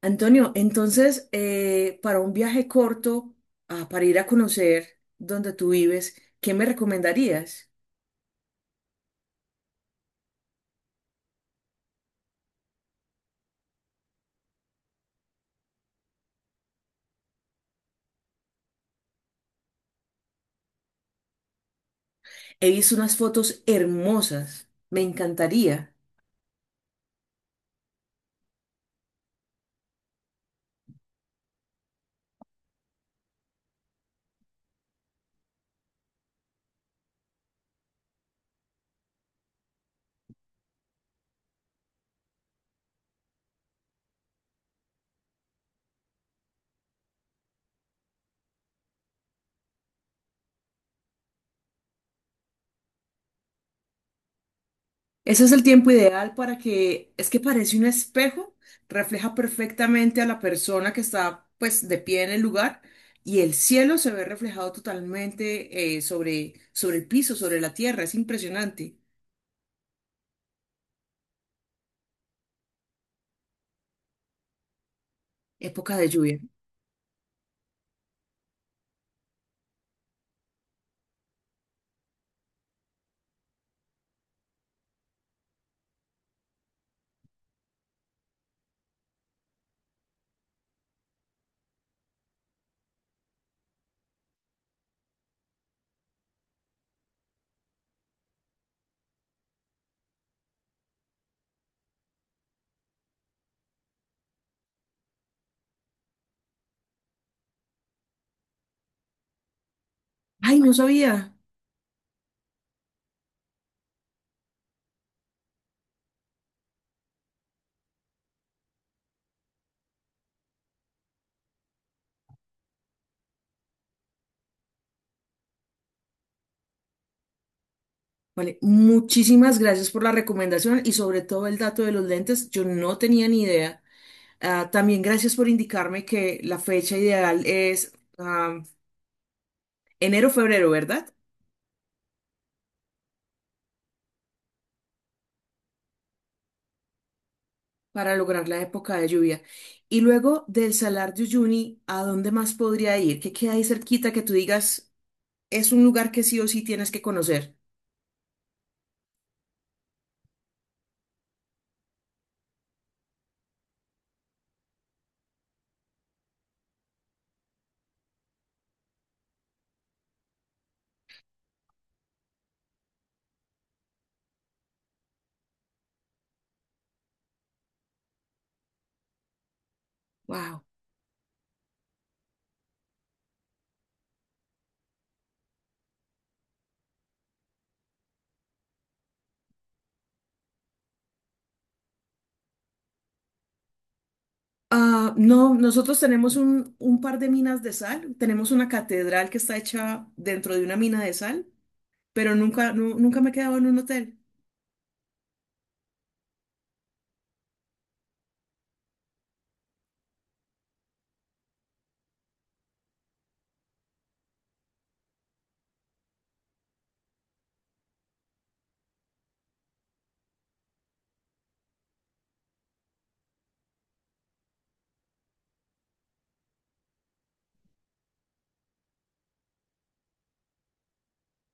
Antonio, entonces, para un viaje corto, para ir a conocer donde tú vives, ¿qué me recomendarías? He visto unas fotos hermosas, me encantaría. Ese es el tiempo ideal para que, es que parece un espejo, refleja perfectamente a la persona que está pues de pie en el lugar y el cielo se ve reflejado totalmente sobre el piso, sobre la tierra, es impresionante. Época de lluvia. Ay, no sabía. Vale, muchísimas gracias por la recomendación y sobre todo el dato de los lentes. Yo no tenía ni idea. Ah, también gracias por indicarme que la fecha ideal es ah, enero-febrero, ¿verdad? Para lograr la época de lluvia. Y luego del Salar de Uyuni, ¿a dónde más podría ir? ¿Qué queda ahí cerquita que tú digas es un lugar que sí o sí tienes que conocer? Wow. Ah, no, nosotros tenemos un par de minas de sal. Tenemos una catedral que está hecha dentro de una mina de sal. Pero nunca me he quedado en un hotel.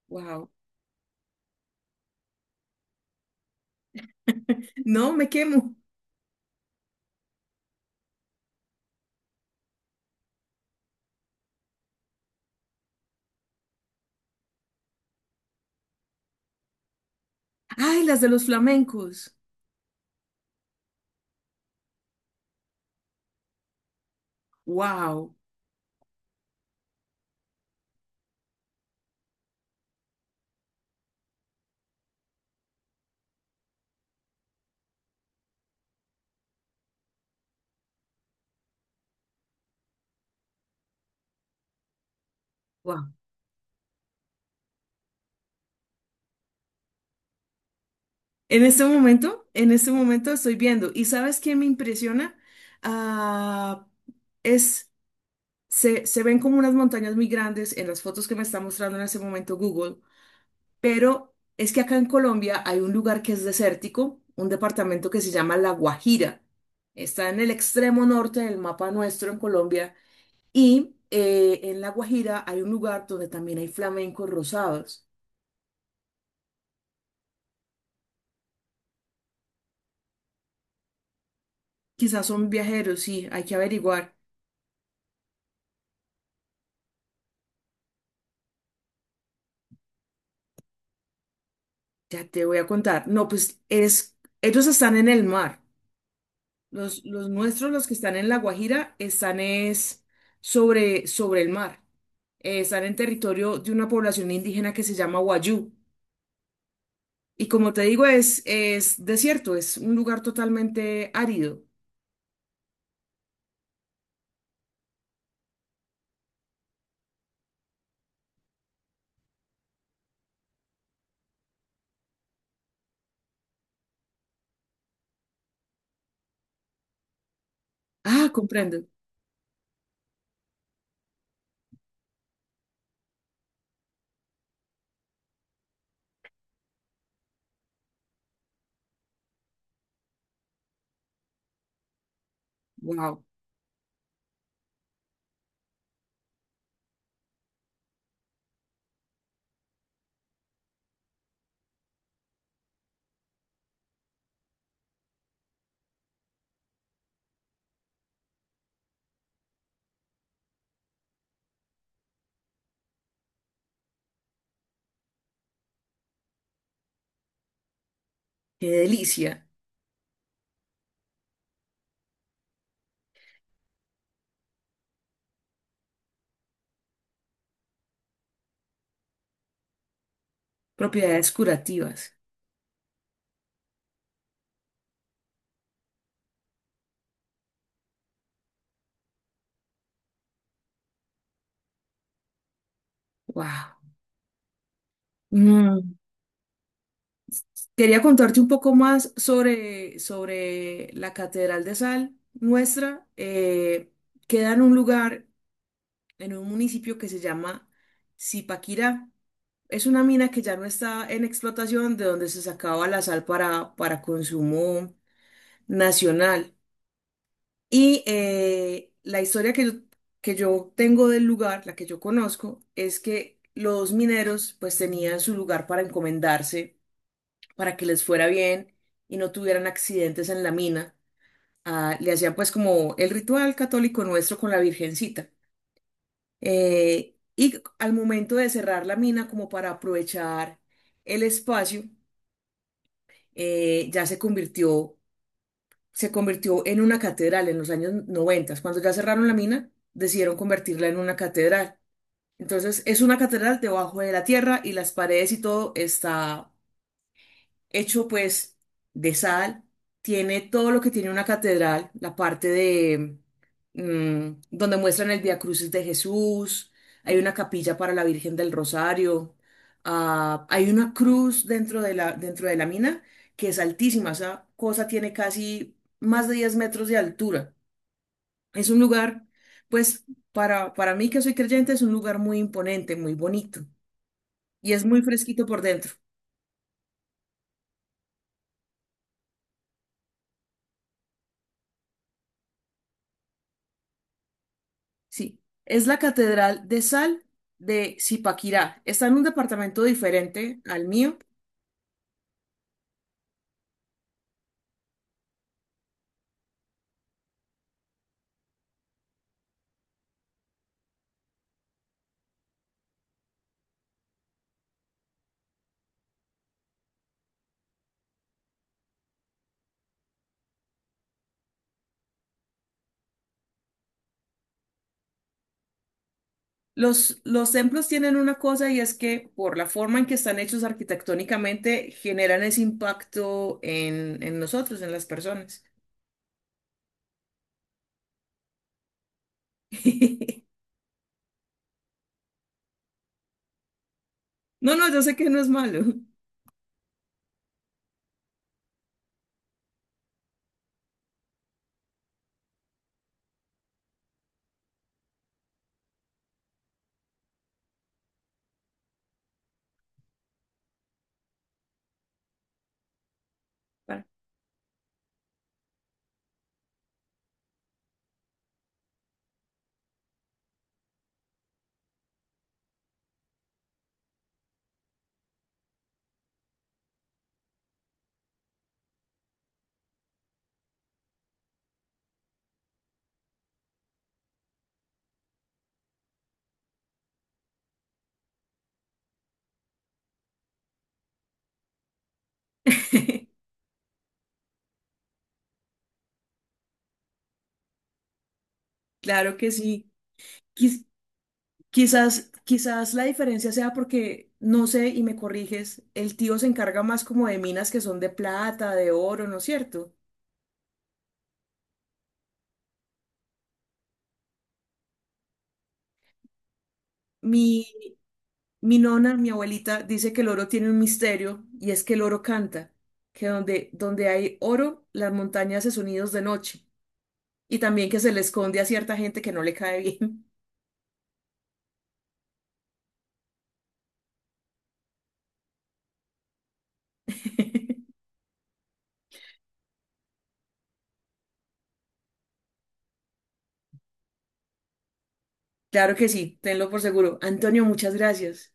Wow. No, me quemo. Ay, las de los flamencos. Wow. Wow. En este momento estoy viendo. ¿Y sabes qué me impresiona? Ah, es, se ven como unas montañas muy grandes en las fotos que me está mostrando en ese momento Google, pero es que acá en Colombia hay un lugar que es desértico, un departamento que se llama La Guajira. Está en el extremo norte del mapa nuestro en Colombia. Y en La Guajira hay un lugar donde también hay flamencos rosados. Quizás son viajeros, sí, hay que averiguar. Ya te voy a contar. No, pues es, ellos están en el mar. Los nuestros, los que están en La Guajira, están es sobre, sobre el mar. Están en territorio de una población indígena que se llama Wayú. Y como te digo, es desierto, es un lugar totalmente árido. Ah, comprendo. Wow, qué delicia. Propiedades curativas. Wow. Mm, quería contarte un poco más sobre la Catedral de Sal nuestra. Queda en un lugar, en un municipio que se llama Zipaquirá. Es una mina que ya no está en explotación, de donde se sacaba la sal para consumo nacional. Y la historia que yo tengo del lugar, la que yo conozco, es que los mineros pues tenían su lugar para encomendarse para que les fuera bien y no tuvieran accidentes en la mina. Ah, le hacían pues como el ritual católico nuestro con la Virgencita. Y al momento de cerrar la mina, como para aprovechar el espacio, eh, ya se convirtió, se convirtió en una catedral en los años 90. Cuando ya cerraron la mina, decidieron convertirla en una catedral. Entonces es una catedral debajo de la tierra y las paredes y todo está hecho pues de sal, tiene todo lo que tiene una catedral, la parte de donde muestran el Vía Crucis de Jesús, hay una capilla para la Virgen del Rosario, hay una cruz dentro de la mina que es altísima, esa cosa tiene casi más de 10 metros de altura. Es un lugar, pues para mí que soy creyente, es un lugar muy imponente, muy bonito y es muy fresquito por dentro. Sí, es la Catedral de Sal de Zipaquirá. Está en un departamento diferente al mío. Los templos tienen una cosa y es que por la forma en que están hechos arquitectónicamente generan ese impacto en nosotros, en las personas. No, no, yo sé que no es malo. Para- Claro que sí. Quiz- quizás la diferencia sea porque, no sé, y me corriges, el tío se encarga más como de minas que son de plata, de oro, ¿no es cierto? Mi, mi nona, mi abuelita, dice que el oro tiene un misterio y es que el oro canta, que donde hay oro, las montañas se sonidos de noche y también que se le esconde a cierta gente que no le cae bien. Claro que sí, tenlo por seguro. Antonio, muchas gracias.